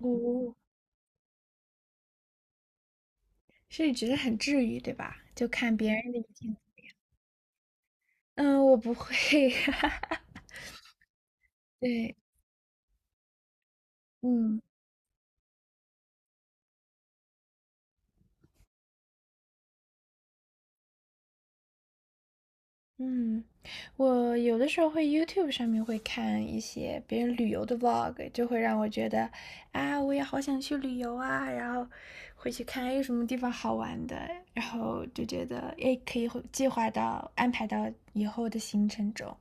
哦，所以你觉得很治愈，对吧？就看别人的一天。嗯，我不会。对，嗯嗯，我有的时候会 YouTube 上面会看一些别人旅游的 vlog，就会让我觉得啊，我也好想去旅游啊，然后回去看哎有什么地方好玩的，然后就觉得哎可以会计划到安排到以后的行程中。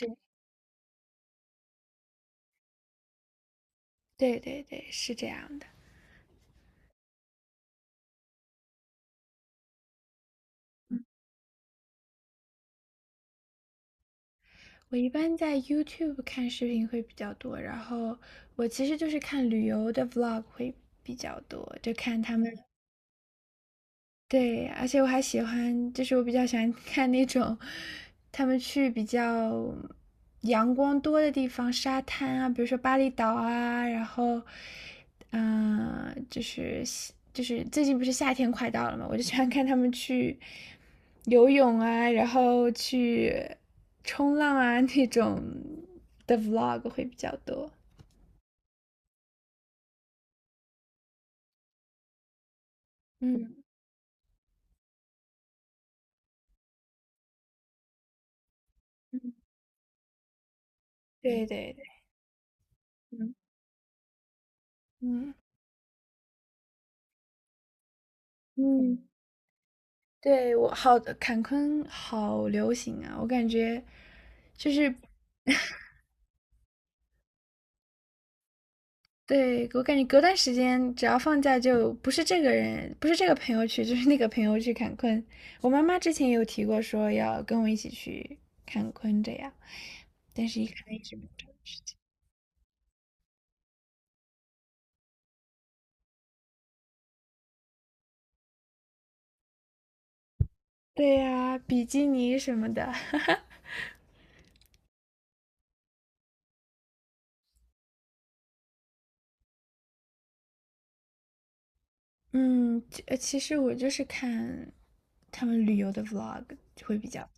对对对对，是这样的。我一般在 YouTube 看视频会比较多，然后我其实就是看旅游的 vlog 会比较多，就看他们对，而且我还喜欢，就是我比较喜欢看那种他们去比较阳光多的地方，沙滩啊，比如说巴厘岛啊，然后，嗯、就是最近不是夏天快到了嘛，我就喜欢看他们去游泳啊，然后去冲浪啊那种的 vlog 会比较多。嗯，对对对，嗯嗯嗯。对，我好，坎昆好流行啊！我感觉就是，对，我感觉隔段时间只要放假就不是这个人，不是这个朋友去，就是那个朋友去坎昆。我妈妈之前也有提过说要跟我一起去坎昆这样，但是一看一直没有到时间。对呀，比基尼什么的，嗯，其实我就是看他们旅游的 vlog 会比较。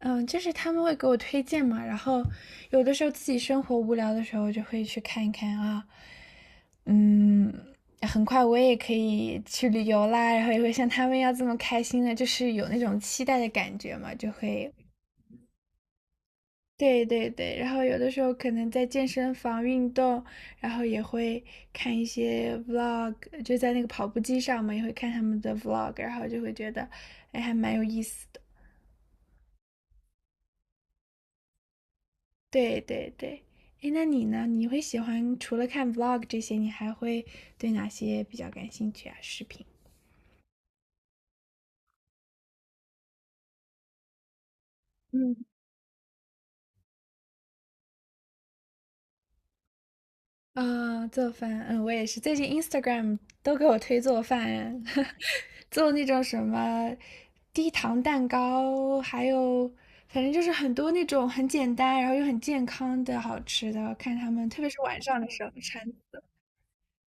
嗯，就是他们会给我推荐嘛，然后有的时候自己生活无聊的时候，就会去看一看啊，嗯，很快我也可以去旅游啦，然后也会像他们一样这么开心的，就是有那种期待的感觉嘛，就会，对对对，然后有的时候可能在健身房运动，然后也会看一些 vlog，就在那个跑步机上嘛，也会看他们的 vlog，然后就会觉得，哎，还蛮有意思的。对对对，哎，那你呢？你会喜欢除了看 vlog 这些，你还会对哪些比较感兴趣啊？视频？嗯。啊，做饭，嗯，我也是，最近 Instagram 都给我推做饭，做那种什么低糖蛋糕，还有反正就是很多那种很简单，然后又很健康的好吃的，看他们，特别是晚上的时候馋。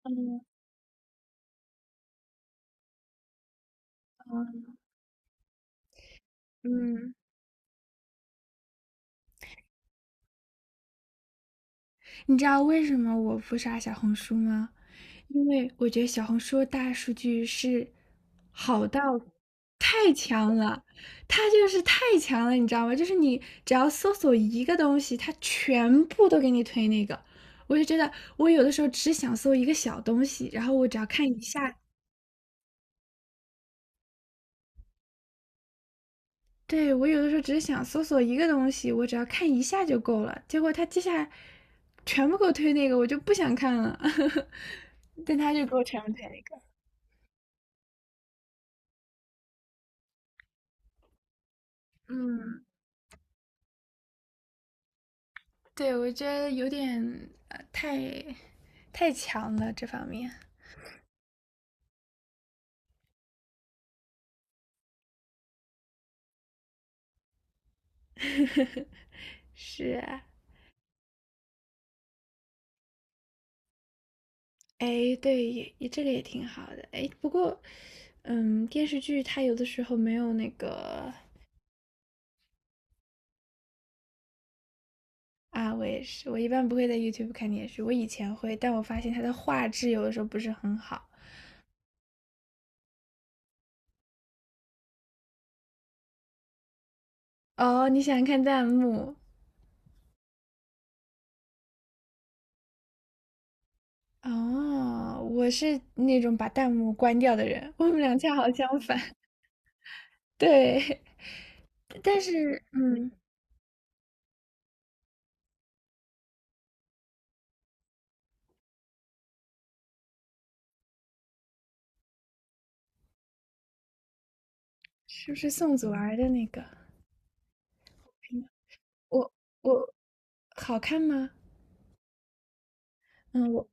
嗯嗯嗯。你知道为什么我不刷小红书吗？因为我觉得小红书的大数据是好到太强了，它就是太强了，你知道吗？就是你只要搜索一个东西，它全部都给你推那个。我就觉得我有的时候只想搜一个小东西，然后我只要看一下，对，我有的时候只是想搜索一个东西，我只要看一下就够了。结果它接下来全部给我推那个，我就不想看了，但他就给我全部推那个。嗯，对，我觉得有点太强了，这方面是啊，哎，对，也这个也挺好的，哎，不过，嗯，电视剧它有的时候没有那个啊，我也是，我一般不会在 YouTube 看电视，我以前会，但我发现它的画质有的时候不是很好。哦，你喜欢看弹幕？哦，我是那种把弹幕关掉的人，我们俩恰好相反。对，但是，嗯。是不是宋祖儿的那个？我我好看吗？嗯，我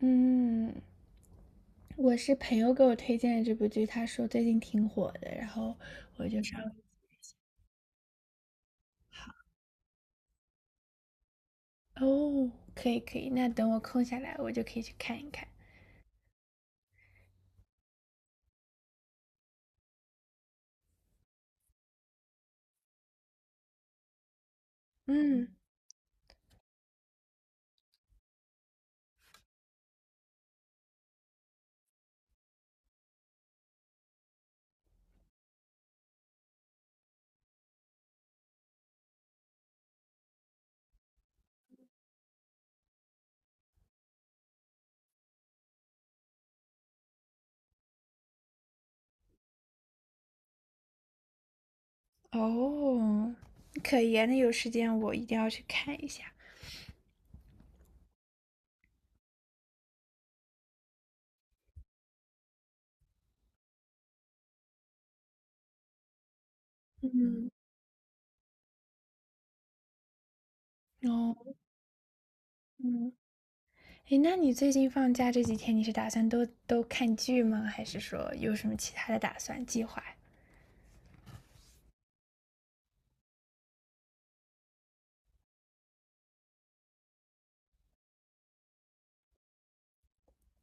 嗯，我是朋友给我推荐的这部剧，他说最近挺火的，然后我就说好哦，可以可以，那等我空下来，我就可以去看一看。嗯，哦，可以啊那有时间我一定要去看一下。哦，嗯，诶，那你最近放假这几天，你是打算都看剧吗？还是说有什么其他的打算计划？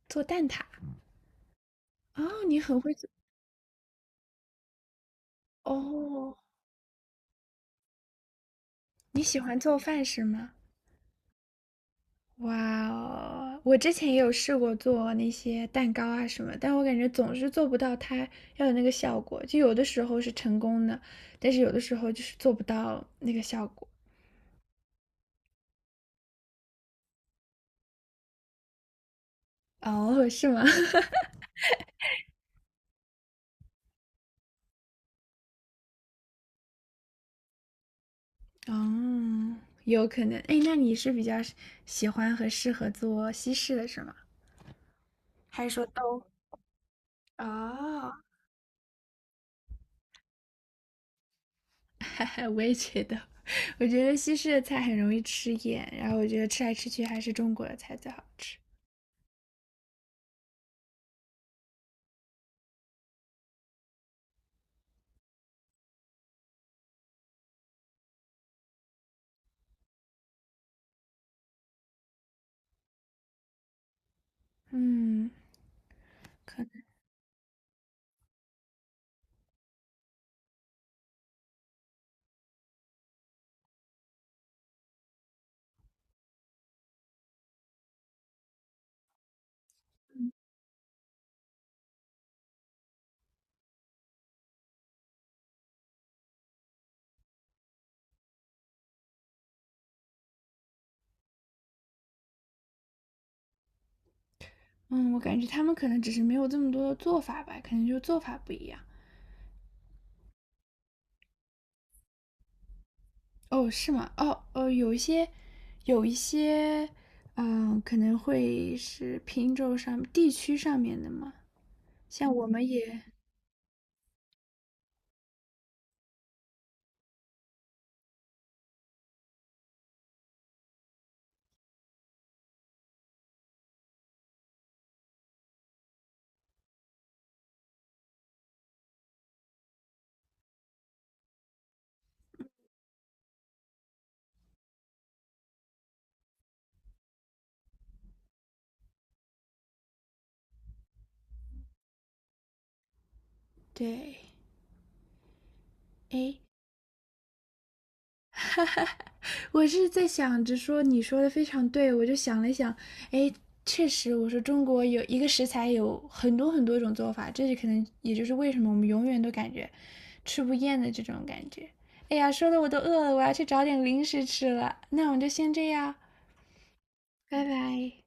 做蛋挞？哦，你很会做哦，你喜欢做饭是吗？哇哦，我之前也有试过做那些蛋糕啊什么，但我感觉总是做不到它要有那个效果。就有的时候是成功的，但是有的时候就是做不到那个效果。哦，是吗？哦，有可能。哎，那你是比较喜欢和适合做西式的是吗？还是说都？哦，哈哈，我也觉得，我觉得西式的菜很容易吃厌，然后我觉得吃来吃去还是中国的菜最好吃。嗯，可能，嗯，我感觉他们可能只是没有这么多的做法吧，可能就做法不一样。哦，是吗？哦，哦，有一些，有一些，嗯，可能会是品种上、地区上面的嘛。像我们也对，哎，我是在想着说，你说的非常对，我就想了想，哎，确实，我说中国有一个食材有很多很多种做法，这就可能也就是为什么我们永远都感觉吃不厌的这种感觉。哎呀，说的我都饿了，我要去找点零食吃了。那我们就先这样，拜拜。